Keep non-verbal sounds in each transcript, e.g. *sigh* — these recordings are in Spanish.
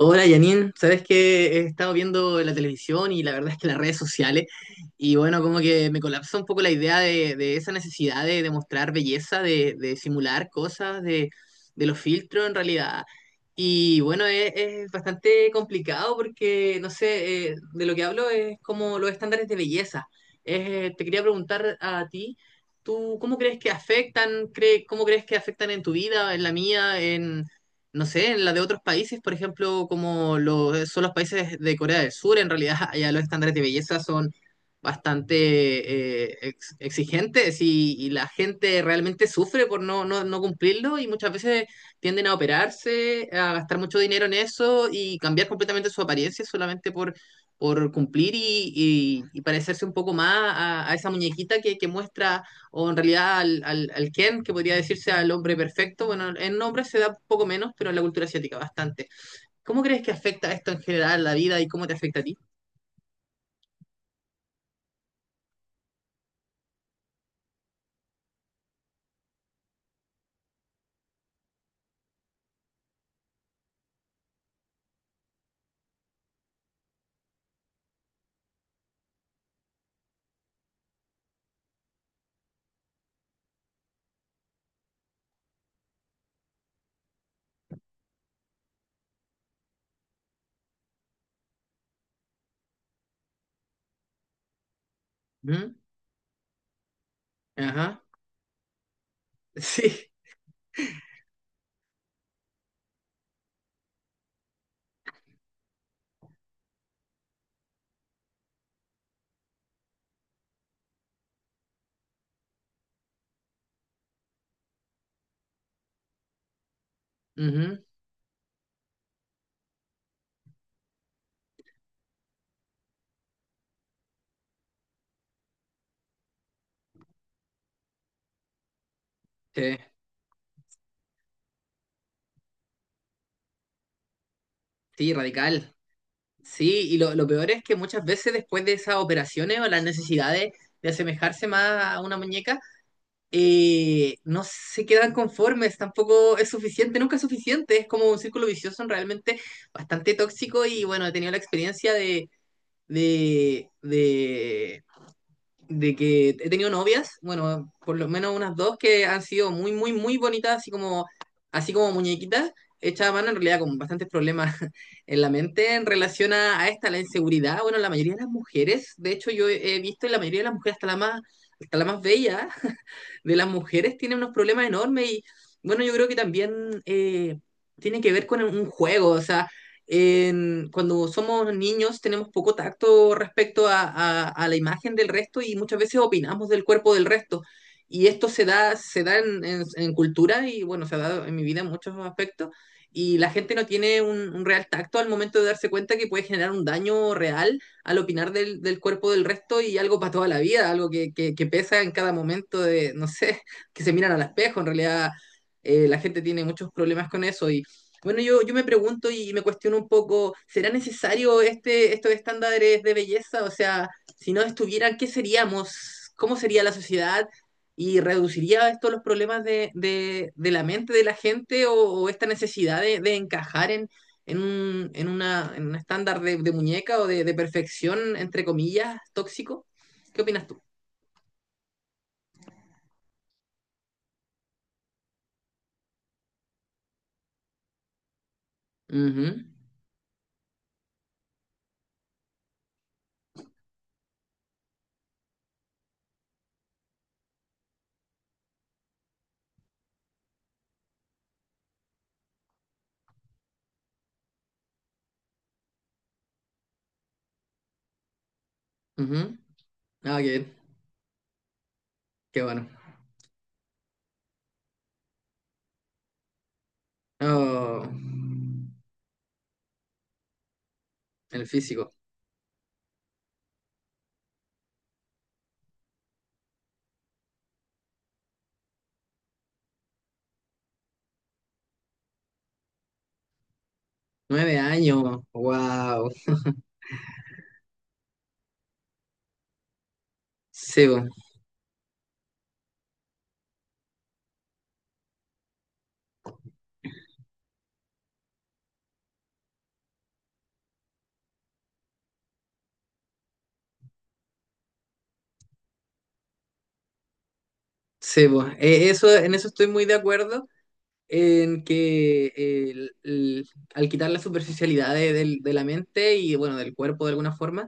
Hola Janine, sabes que he estado viendo la televisión y la verdad es que las redes sociales y bueno, como que me colapsa un poco la idea de esa necesidad de, demostrar belleza, de simular cosas, de los filtros en realidad. Y bueno, es bastante complicado porque, no sé, de lo que hablo es como los estándares de belleza. Te quería preguntar a ti, ¿tú cómo crees que afectan, cómo crees que afectan en tu vida, en la mía, en no sé, en la de otros países, por ejemplo, como los, son los países de Corea del Sur, en realidad? *laughs* Allá los estándares de belleza son bastante exigentes y la gente realmente sufre por no cumplirlo y muchas veces tienden a operarse, a gastar mucho dinero en eso y cambiar completamente su apariencia solamente por cumplir y, y parecerse un poco más a esa muñequita que muestra o en realidad al Ken, que podría decirse al hombre perfecto. Bueno, en hombres se da poco menos, pero en la cultura asiática bastante. ¿Cómo crees que afecta esto en general la vida y cómo te afecta a ti? Ujú. Ajá. *laughs* Sí. Ujú. Sí. Sí, radical. Sí, y lo peor es que muchas veces después de esas operaciones o las necesidades de asemejarse más a una muñeca, no se quedan conformes, tampoco es suficiente, nunca es suficiente, es como un círculo vicioso realmente bastante tóxico. Y bueno, he tenido la experiencia de, de, de que he tenido novias, bueno, por lo menos unas dos que han sido muy, muy, muy bonitas, así como muñequitas, hechas a mano en realidad con bastantes problemas *laughs* en la mente en relación a esta, la inseguridad. Bueno, la mayoría de las mujeres, de hecho yo he visto en la mayoría de las mujeres, hasta la más bella, de las mujeres tiene unos problemas enormes. Y bueno, yo creo que también tiene que ver con un juego, o sea, cuando somos niños tenemos poco tacto respecto a, a la imagen del resto y muchas veces opinamos del cuerpo del resto. Y esto se da en, en cultura y bueno, se ha dado en mi vida en muchos aspectos. Y la gente no tiene un real tacto al momento de darse cuenta que puede generar un daño real al opinar del, del cuerpo del resto y algo para toda la vida, algo que pesa en cada momento de, no sé, *laughs* que se miran al espejo, en realidad la gente tiene muchos problemas con eso. Y bueno, yo me pregunto y me cuestiono un poco, ¿será necesario este, estos estándares de belleza? O sea, si no estuvieran, ¿qué seríamos? ¿Cómo sería la sociedad? ¿Y reduciría esto los problemas de la mente de la gente o esta necesidad de encajar en un, en una, en un estándar de muñeca o de perfección, entre comillas, tóxico? ¿Qué opinas tú? Ujú. Ujú. Ah, qué, qué bueno. Oh, el físico. 9 años. Wow. Sebo, sebo. Eso, en eso estoy muy de acuerdo. En que al quitar la superficialidad de, de la mente y bueno, del cuerpo de alguna forma,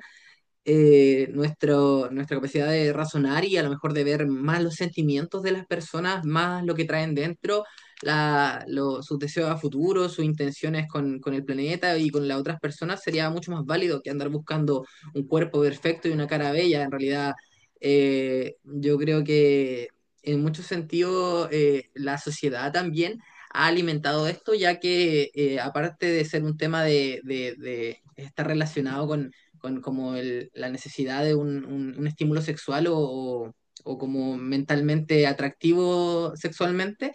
nuestra capacidad de razonar y a lo mejor de ver más los sentimientos de las personas, más lo que traen dentro, la, sus deseos a futuro, sus intenciones con el planeta y con las otras personas, sería mucho más válido que andar buscando un cuerpo perfecto y una cara bella. En realidad, yo creo que en muchos sentidos la sociedad también ha alimentado esto, ya que aparte de ser un tema de estar relacionado con como la necesidad de un, un estímulo sexual o como mentalmente atractivo sexualmente.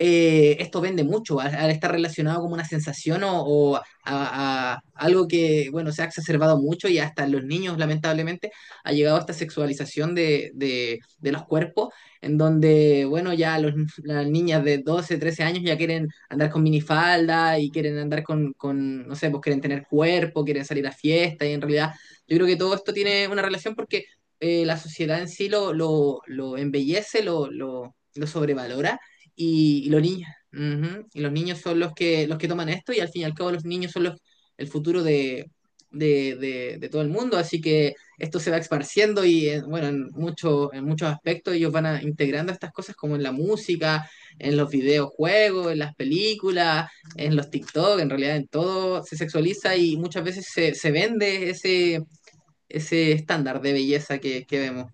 Esto vende mucho al, al estar relacionado como una sensación o a algo que, bueno, se ha exacerbado mucho y hasta en los niños, lamentablemente, ha llegado esta sexualización de los cuerpos, en donde, bueno, ya los, las niñas de 12, 13 años ya quieren andar con minifalda y quieren andar con, no sé, pues quieren tener cuerpo, quieren salir a fiesta y en realidad yo creo que todo esto tiene una relación porque… la sociedad en sí lo embellece, lo sobrevalora y los niños, ujú, y los niños son los que toman esto y al fin y al cabo los niños son los, el futuro de, de todo el mundo, así que esto se va esparciendo. Y bueno, en, mucho, en muchos aspectos ellos van integrando estas cosas como en la música, en los videojuegos, en las películas, en los TikTok, en realidad en todo se sexualiza y muchas veces se vende ese, ese estándar de belleza que vemos.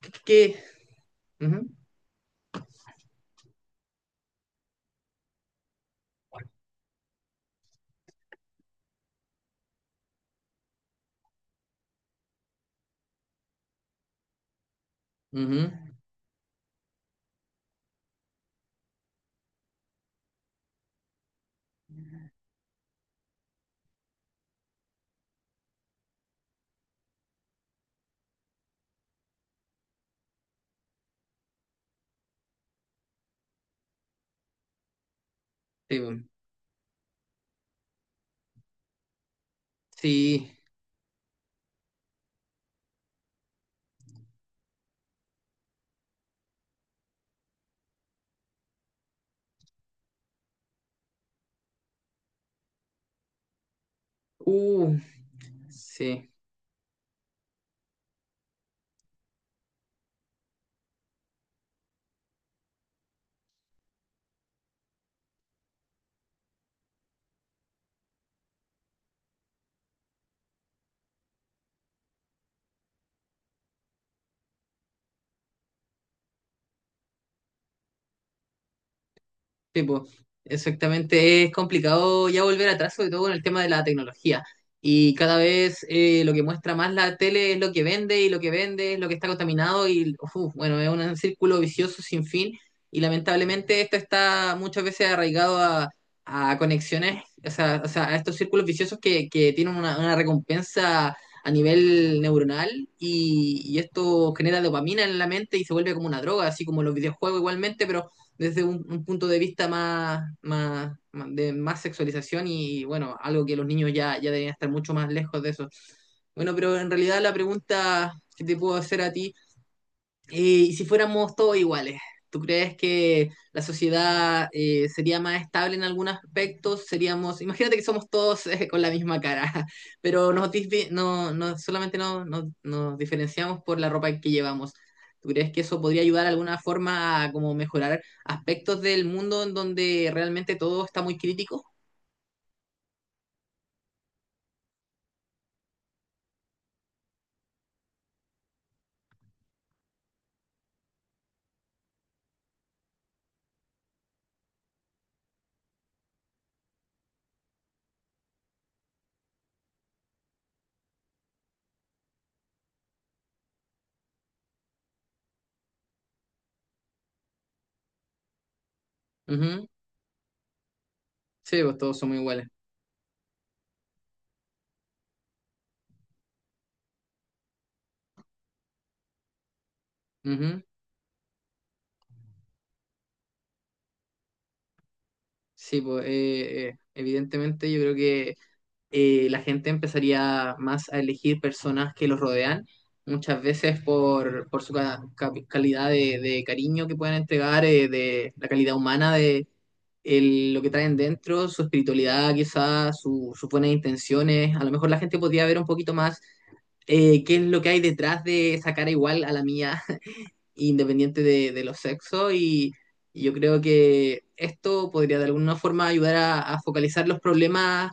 ¿Qué? ¿Qué? Ujú. Ujú. Sí. Sí. Uh. Sí, tipo, exactamente. Es complicado ya volver atrás, sobre todo con el tema de la tecnología. Y cada vez lo que muestra más la tele es lo que vende y lo que vende es lo que está contaminado y, uf, bueno, es un círculo vicioso sin fin. Y lamentablemente esto está muchas veces arraigado a conexiones, o sea, a estos círculos viciosos que tienen una recompensa a nivel neuronal. Y, y esto genera dopamina en la mente y se vuelve como una droga, así como los videojuegos igualmente, pero desde un punto de vista más, de más sexualización y bueno, algo que los niños ya deberían estar mucho más lejos de eso. Bueno, pero en realidad la pregunta que te puedo hacer a ti eh, y si fuéramos todos iguales, ¿tú crees que la sociedad sería más estable en algunos aspectos? Seríamos, imagínate que somos todos con la misma cara, *laughs* pero nos disvi- no, no, solamente nos diferenciamos por la ropa que llevamos. ¿Tú crees que eso podría ayudar de alguna forma a como mejorar aspectos del mundo en donde realmente todo está muy crítico? Ujú. Sí, pues todos somos iguales. Ujú. Sí, pues evidentemente yo creo que la gente empezaría más a elegir personas que los rodean, muchas veces por su calidad de cariño que pueden entregar, de la calidad humana de lo que traen dentro, su espiritualidad quizás, sus buenas intenciones. A lo mejor la gente podría ver un poquito más qué es lo que hay detrás de esa cara igual a la mía independiente de los sexos. Y, y yo creo que esto podría de alguna forma ayudar a focalizar los problemas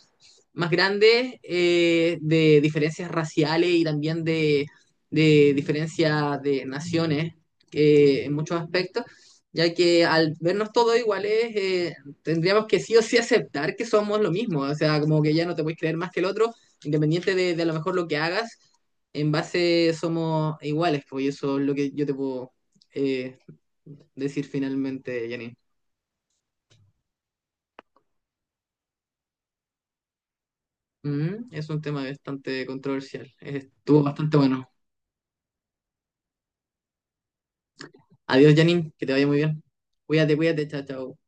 más grandes de diferencias raciales y también de diferencias de naciones en muchos aspectos, ya que al vernos todos iguales tendríamos que sí o sí aceptar que somos lo mismo, o sea, como que ya no te puedes creer más que el otro, independiente de a lo mejor lo que hagas, en base somos iguales, pues. Y eso es lo que yo te puedo eh, decir finalmente, Janine. Mm, es un tema bastante controversial. Estuvo bastante bueno. Adiós, Janine, que te vaya muy bien. Cuídate, cuídate, chao, chao.